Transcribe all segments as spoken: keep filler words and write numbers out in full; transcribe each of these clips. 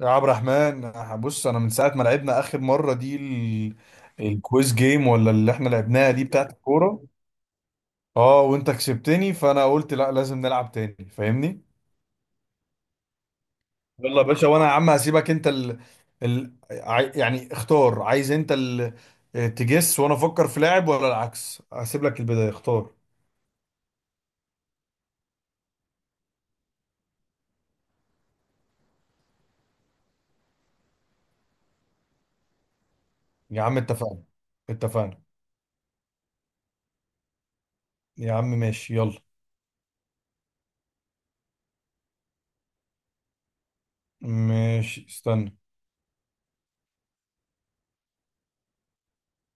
يا عبد الرحمن، بص انا من ساعه ما لعبنا اخر مره دي ال... الكويز جيم ولا اللي احنا لعبناها دي بتاعت الكوره؟ اه وانت كسبتني فانا قلت لا، لازم نلعب تاني، فاهمني. يلا يا باشا، وانا يا عم هسيبك انت ال... ال... عاي- يعني اختار، عايز انت ال... تجس وانا افكر في لاعب ولا العكس؟ هسيب لك البدايه، اختار. يا عم اتفقنا. اتفقنا يا عم، ماشي يلا. ماشي استنى.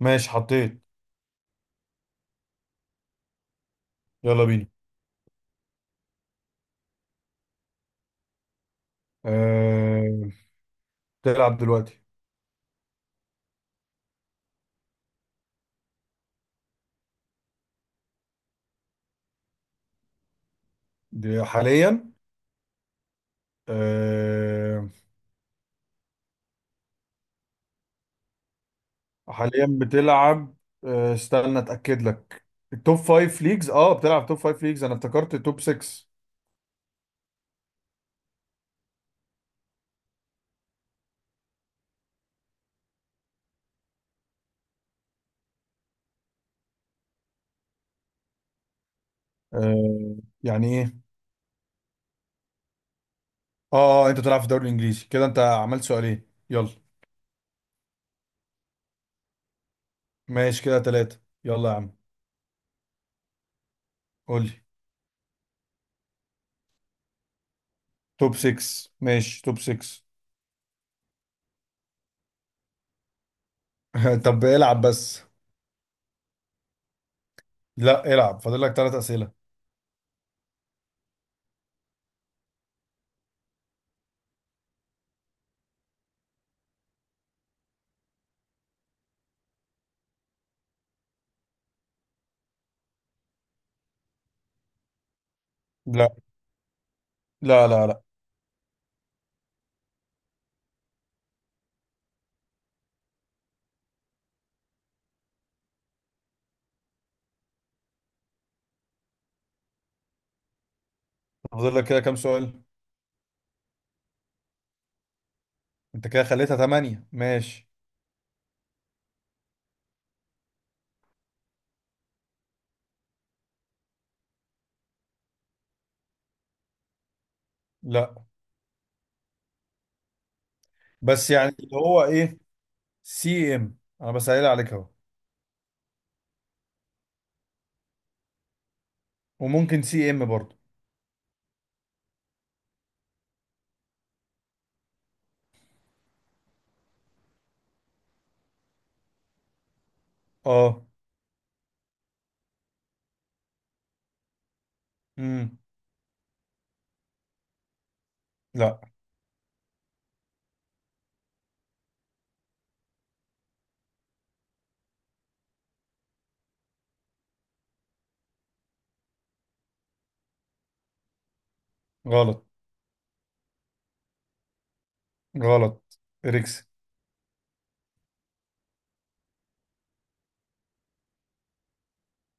ماشي حطيت. يلا بينا. أه... تلعب دلوقتي. دي حاليا. آه. حاليا بتلعب. آه استنى اتاكد لك. التوب فايف ليجز، اه بتلعب توب فايف ليجز، انا افتكرت توب ستة. آه. يعني ايه؟ اه آه، انت بتلعب في الدوري الانجليزي، كده انت عملت سؤالين يلا. ماشي كده ثلاثة، يلا يا عم. قول لي. توب ستة ماشي، توب ستة. طب العب بس. لا العب، فاضل لك ثلاث اسئله. لا لا لا لا. فاضل لك كده كام سؤال؟ انت كده خليتها ثمانية، ماشي. لا، بس يعني اللي هو ايه، سي ام، انا بسأل عليك اهو. وممكن سي ام برضه. اه. امم لا. غلط. غلط. اريكسن.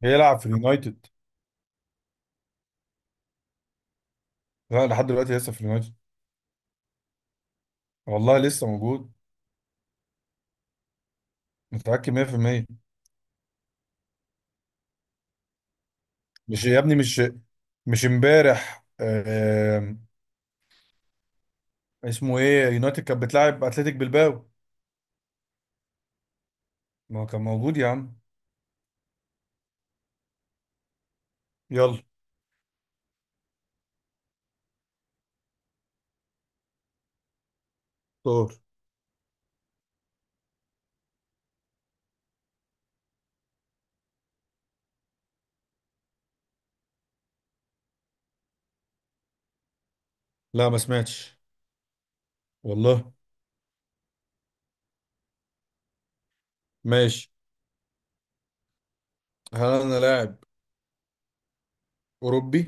بيلعب في اليونايتد. لا لحد دلوقتي لسه في اليونايتد. والله لسه موجود. متأكد مية بالمية. مش يا ابني، مش مش امبارح آه. اسمه ايه؟ يونايتد كانت بتلعب اتلتيك بلباو. ما هو كان موجود يا عم. يلا. طور. لا ما سمعتش. والله. ماشي. هل انا لاعب اوروبي؟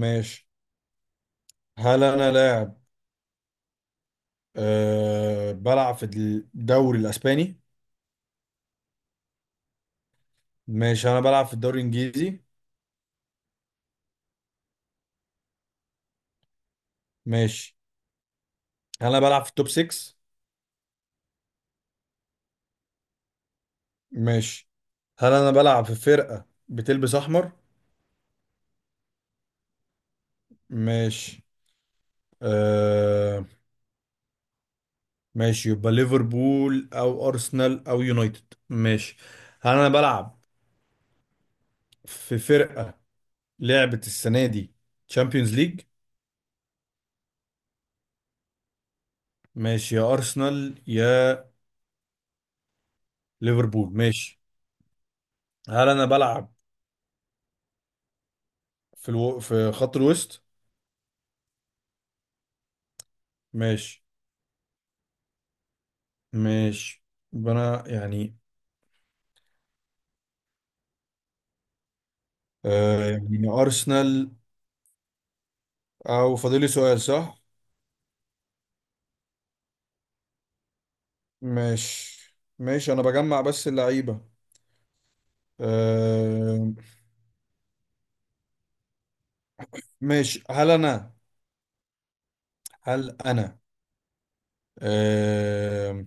ماشي. هل انا لاعب، أه بلعب في الدوري الاسباني؟ ماشي انا بلعب في الدوري الانجليزي. ماشي. هل انا بلعب في التوب ستة؟ ماشي. هل انا بلعب في فرقة بتلبس احمر؟ ماشي. أه. ماشي، يبقى ليفربول او ارسنال او يونايتد، ماشي. هل انا بلعب في فرقة لعبت السنة دي تشامبيونز ليج؟ ماشي، يا ارسنال يا ليفربول، ماشي. هل انا بلعب في الو... في خط الوسط؟ ماشي. مش انا يعني، آه يعني ارسنال. او فاضل لي سؤال، صح؟ مش مش انا بجمع بس اللعيبه. آه. مش هل انا هل انا آه،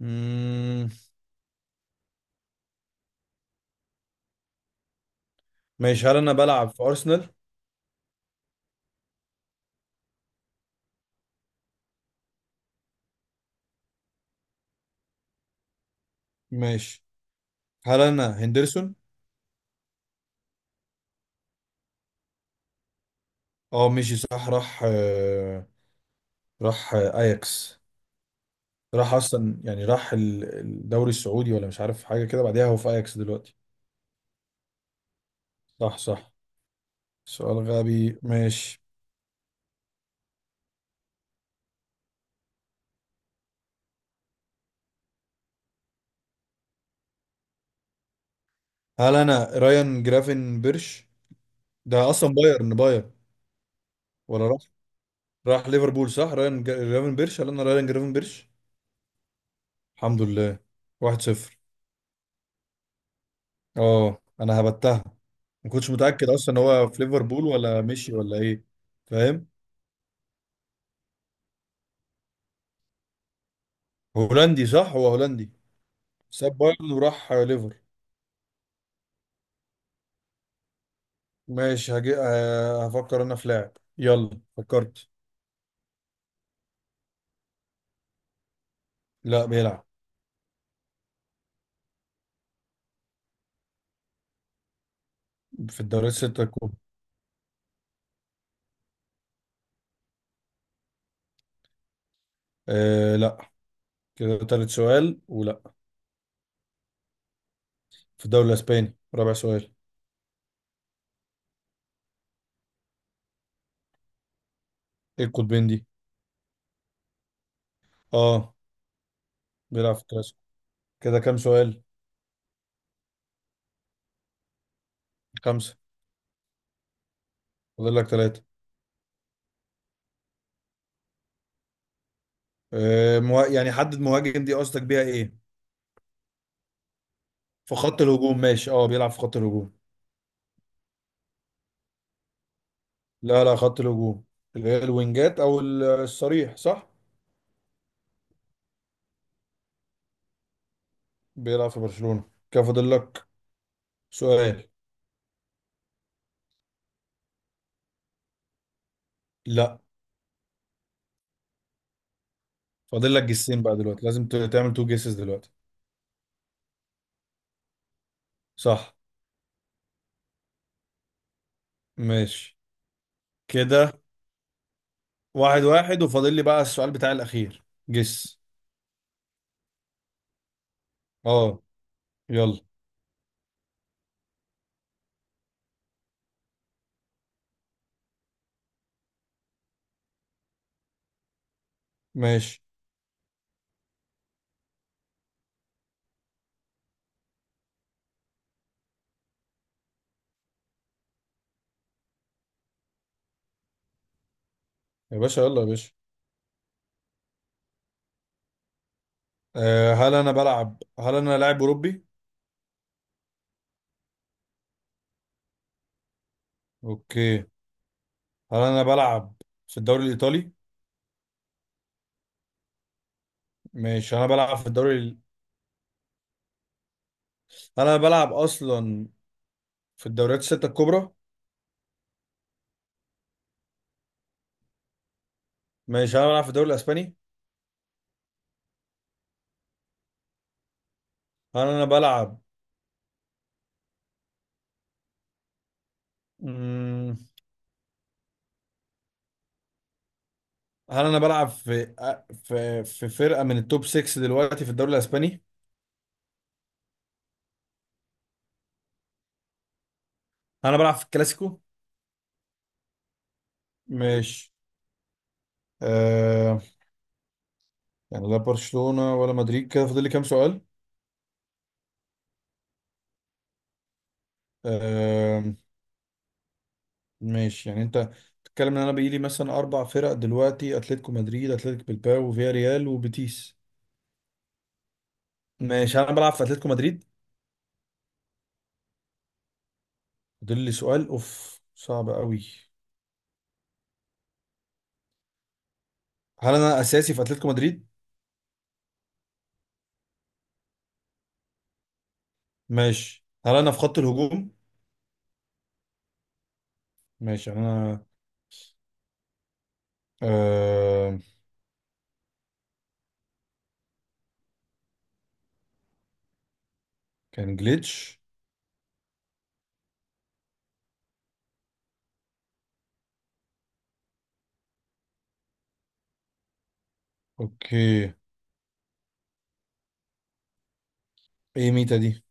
مم، مش هل انا بلعب في ارسنال؟ مش هل انا هندرسون؟ اه ماشي صح، راح آه، راح آه، اياكس. راح اصلا يعني راح ال- الدوري السعودي ولا مش عارف حاجه كده، بعديها هو في اياكس دلوقتي. صح صح. سؤال غبي ماشي. هل انا رايان جرافن بيرش؟ ده اصلا بايرن بايرن. ولا راح، راح ليفربول، صح. رايان جا- جرافن بيرش. هل انا رايان جرافن بيرش؟ الحمد لله. واحد صفر. اه انا هبتها. ما كنتش متأكد اصلا ان هو في ليفربول ولا مشي ولا ايه، فاهم. هولندي صح، هو هولندي. ساب بايرن وراح ليفر. ماشي هجي... ه- هفكر انا في لاعب. يلا فكرت. لا بيلعب. في الدوري الستة الكبرى. آه لا. كده تالت سؤال ولا؟ في الدوري الاسباني رابع سؤال. ايه القطبين دي؟ اه. بيلعب في الكلاسيكو. كده كام سؤال؟ خمسه. فاضل لك ثلاثه. آه مه... يعني حدد مهاجم دي قصدك بيها ايه؟ في خط الهجوم ماشي، اه بيلعب في خط الهجوم. لا لا، خط الهجوم، اللي هي الوينجات او ال- الصريح، صح. بيلعب في برشلونة. كده فاضل لك سؤال. لا، فاضل لك جسين بقى دلوقتي، لازم ت- تعمل تو جيسز دلوقتي. صح. ماشي، كده واحد واحد، وفاضل لي بقى السؤال بتاع الاخير، جس. اه. يلا. ماشي يا باشا، يلا يا باشا. أه هل انا بلعب، هل انا لاعب اوروبي؟ اوكي. هل انا بلعب في الدوري الايطالي؟ ماشي انا بلعب في الدوري ال- هل انا بلعب اصلا في الدوريات الستة الكبرى؟ ماشي. هل انا بلعب في الدوري الاسباني؟ هل انا بلعب مم... هل انا بلعب في آه، في في فرقة من التوب ستة دلوقتي في الدوري الاسباني؟ هل انا بلعب في الكلاسيكو؟ ماشي. أه... يعني لا برشلونة ولا مدريد، كده فاضل لي كام سؤال؟ آه، ماشي يعني انت بتتكلم ان انا بيجيلي مثلا اربع فرق دلوقتي، اتلتيكو مدريد، اتلتيك بلباو، وفيا ريال، وبيتيس. ماشي. هل انا بلعب في اتلتيكو مدريد؟ فاضل لي سؤال اوف، صعب قوي. هل انا اساسي في اتلتيكو مدريد؟ ماشي. هل انا في خط الهجوم؟ ماشي يعني انا، آه... كان جليتش. اوكي. ايه ميتا دي؟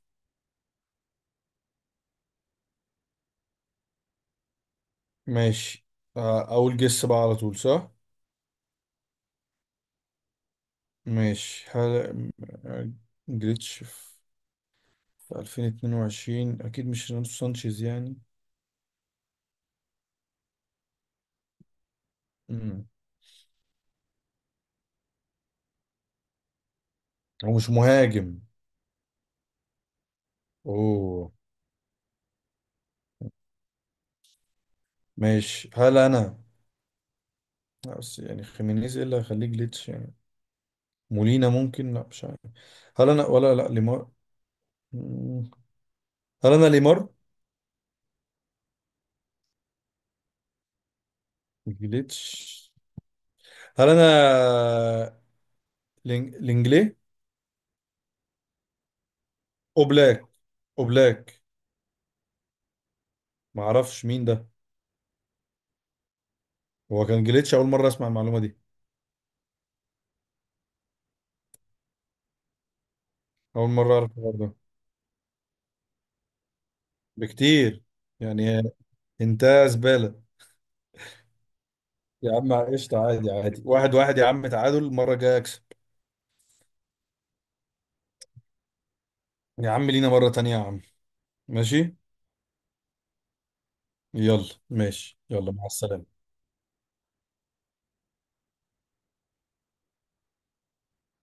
ماشي آه... اول جس بقى على طول، صح. ماشي. هل آه، جليتش في الفين واتنين وعشرين، اكيد مش رونالدو سانشيز يعني. ومش مهاجم. اوه. ماشي. هل انا، بس يعني خيمينيز ايه اللي هيخليه جليتش يعني؟ مولينا ممكن، لا مش عارف. هل انا، ولا لا ليمار. مم. هل انا ليمار؟ جليتش. هل انا لينج- لينجلي؟ اوبلاك. اوبلاك. ما اعرفش مين ده. هو كان جليتش؟ اول مره اسمع المعلومه دي. اول مره اعرف الحوار ده بكتير، يعني انت زباله. يا عم قشطه، عادي عادي، واحد واحد يا عم، تعادل، المره الجايه اكسب. يا عم لينا مره تانية يا عم. ماشي. يلا، ماشي، يلا مع السلامة.